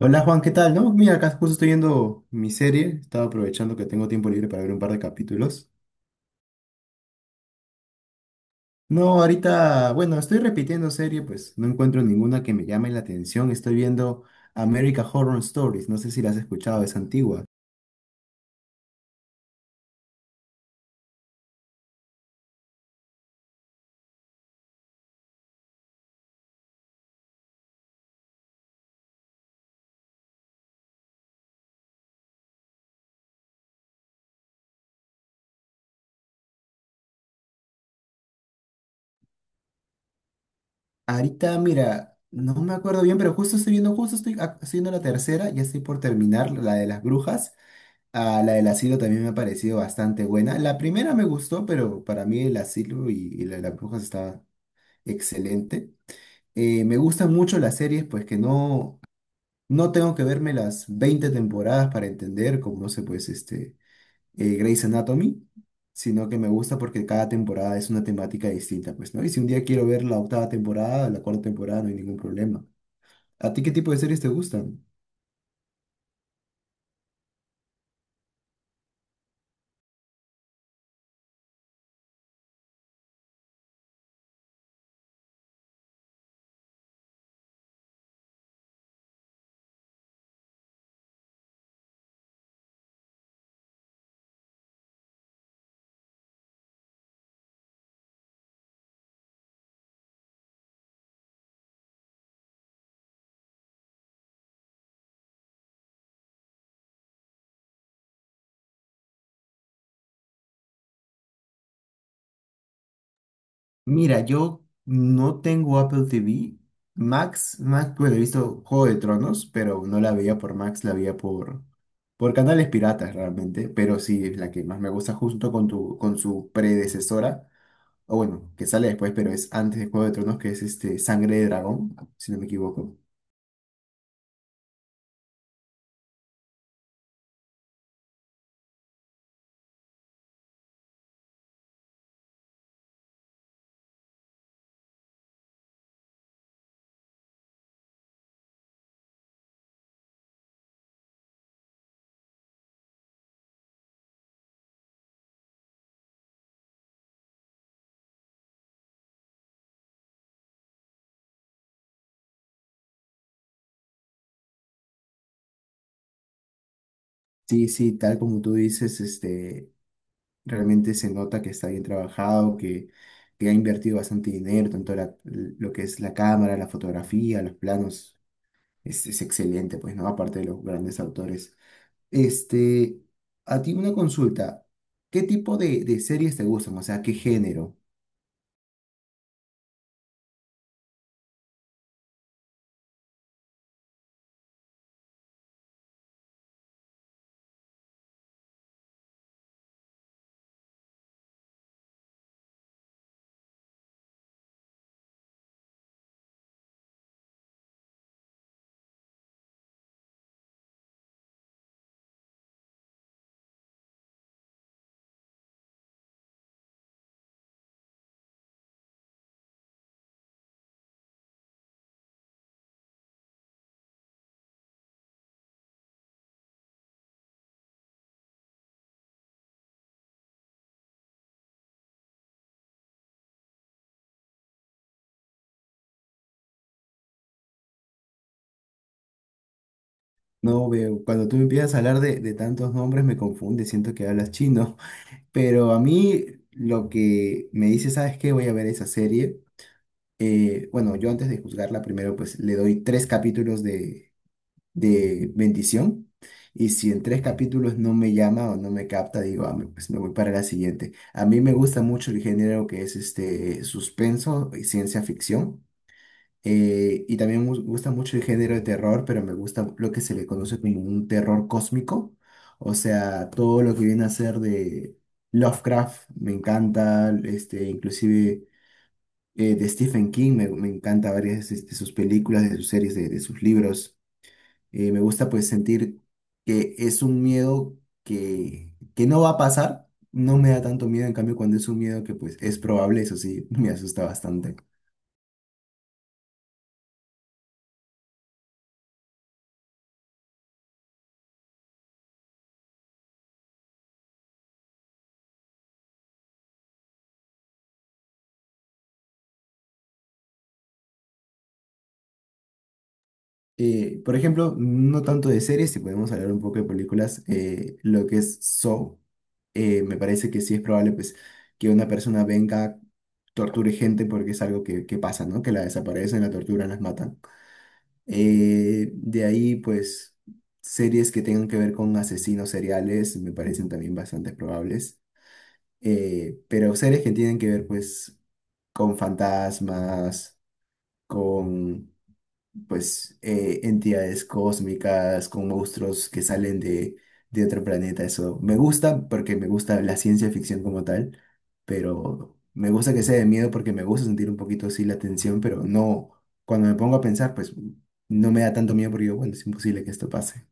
Hola Juan, ¿qué tal? No, mira, acá justo estoy viendo mi serie, estaba aprovechando que tengo tiempo libre para ver un par de capítulos. No, ahorita, bueno, estoy repitiendo serie, pues no encuentro ninguna que me llame la atención. Estoy viendo America Horror Stories, no sé si la has escuchado, es antigua. Ahorita, mira, no me acuerdo bien, pero justo estoy viendo, estoy viendo la tercera, ya estoy por terminar la de las brujas. Ah, la del asilo también me ha parecido bastante buena. La primera me gustó, pero para mí el asilo y la de las brujas está excelente. Me gustan mucho las series, pues que no, no tengo que verme las 20 temporadas para entender, como no sé, pues este, Grey's Anatomy, sino que me gusta porque cada temporada es una temática distinta, pues, ¿no? Y si un día quiero ver la octava temporada, la cuarta temporada, no hay ningún problema. ¿A ti qué tipo de series te gustan? Mira, yo no tengo Apple TV. Max, Max, pues he visto Juego de Tronos, pero no la veía por Max, la veía por canales piratas realmente. Pero sí, es la que más me gusta junto con, con su predecesora. O bueno, que sale después, pero es antes de Juego de Tronos, que es este Sangre de Dragón, si no me equivoco. Sí, sí, tal como tú dices, este, realmente se nota que está bien trabajado, que ha invertido bastante dinero, lo que es la cámara, la fotografía, los planos es excelente, pues, ¿no? Aparte de los grandes autores. Este, a ti una consulta. ¿Qué tipo de series te gustan? O sea, ¿qué género? No veo, cuando tú me empiezas a hablar de tantos nombres me confunde, siento que hablas chino. Pero a mí lo que me dice, ¿sabes qué? Voy a ver esa serie. Bueno, yo antes de juzgarla, primero pues le doy tres capítulos de bendición. Y si en tres capítulos no me llama o no me capta, digo, "Ah, pues me voy para la siguiente". A mí me gusta mucho el género que es este suspenso y ciencia ficción. Y también me gusta mucho el género de terror, pero me gusta lo que se le conoce como un terror cósmico. O sea, todo lo que viene a ser de Lovecraft me encanta, este, inclusive de Stephen King me encanta varias de sus películas, de sus series, de sus libros. Me gusta pues sentir que es un miedo que no va a pasar. No me da tanto miedo, en cambio, cuando es un miedo que pues es probable, eso sí, me asusta bastante. Por ejemplo, no tanto de series, si podemos hablar un poco de películas, lo que es Saw, me parece que sí es probable pues que una persona venga, torture gente porque es algo que pasa, ¿no? Que la desaparecen, la torturan, las matan. De ahí, pues, series que tengan que ver con asesinos seriales me parecen también bastante probables. Pero series que tienen que ver, pues, con fantasmas, con pues entidades cósmicas, con monstruos que salen de otro planeta. Eso me gusta porque me gusta la ciencia ficción como tal, pero me gusta que sea de miedo porque me gusta sentir un poquito así la tensión, pero no, cuando me pongo a pensar, pues no me da tanto miedo porque digo, bueno, es imposible que esto pase.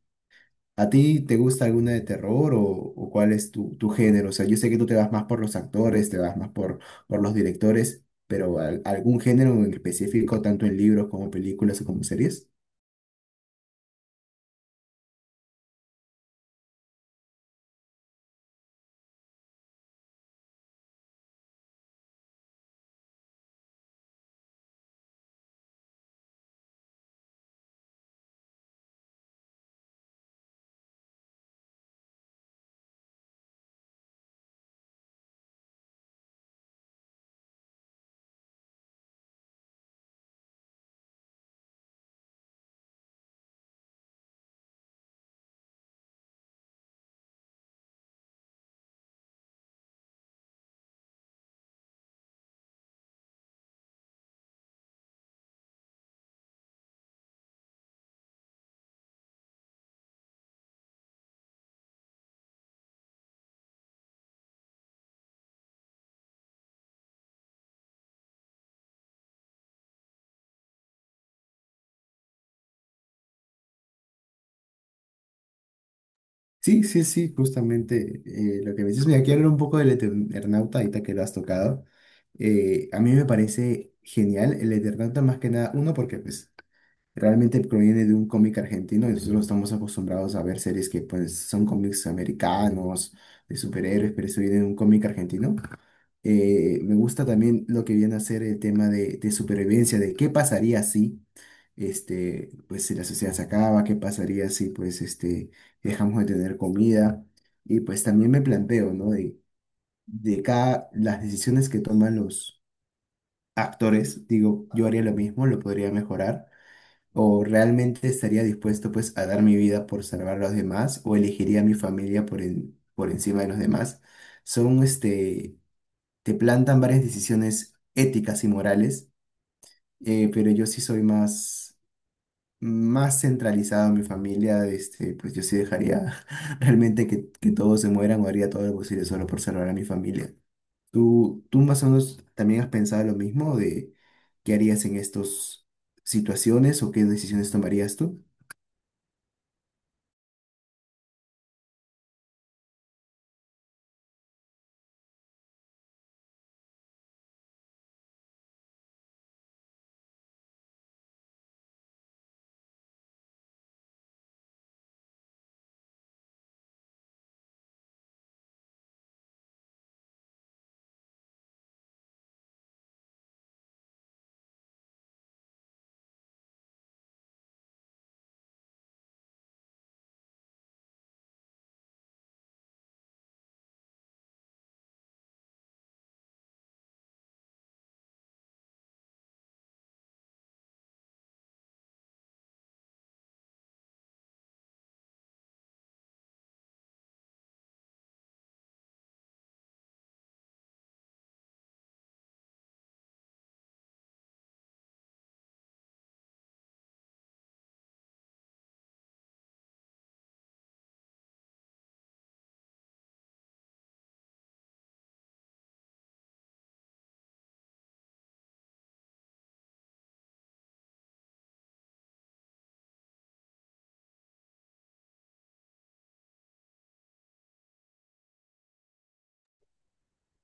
¿A ti te gusta alguna de terror o cuál es tu género? O sea, yo sé que tú te vas más por los actores, te vas más por los directores, pero algún género en específico, tanto en libros como películas o como series? Sí, sí, sí, justamente lo que me dices. Mira, quiero hablar un poco del Eternauta, ahorita que lo has tocado. A mí me parece genial el Eternauta, más que nada, uno, porque pues, realmente proviene de un cómic argentino y nosotros no estamos acostumbrados a ver series que pues, son cómics americanos, de superhéroes, pero eso viene de un cómic argentino. Me gusta también lo que viene a ser el tema de supervivencia, de qué pasaría si, este, pues si la sociedad se acaba, qué pasaría si, pues, este, dejamos de tener comida. Y pues también me planteo, ¿no? De cada, las decisiones que toman los actores, digo, yo haría lo mismo, lo podría mejorar, o realmente estaría dispuesto, pues, a dar mi vida por salvar a los demás, o elegiría a mi familia por, por encima de los demás. Son, este, te plantan varias decisiones éticas y morales, pero yo sí soy más, más centralizado en mi familia, este, pues yo sí dejaría realmente que todos se mueran o haría todo lo posible solo por salvar a mi familia. Tú más o menos también has pensado lo mismo de qué harías en estas situaciones o qué decisiones tomarías tú?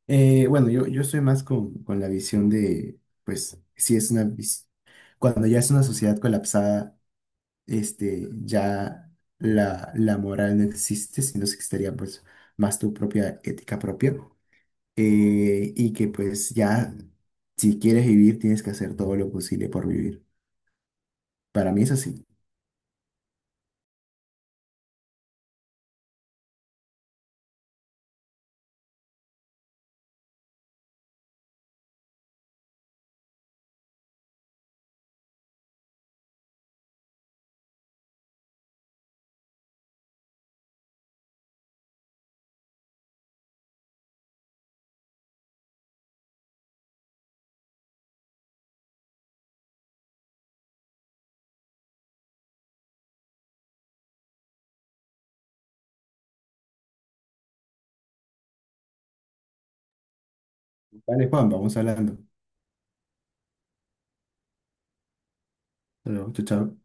Bueno, yo soy más con la visión de, pues, si es una, cuando ya es una sociedad colapsada, este, ya la moral no existe, sino que estaría pues más tu propia ética propia. Y que pues ya, si quieres vivir, tienes que hacer todo lo posible por vivir. Para mí es así. Vale, Juan, vamos hablando. Hasta luego, chao, chao.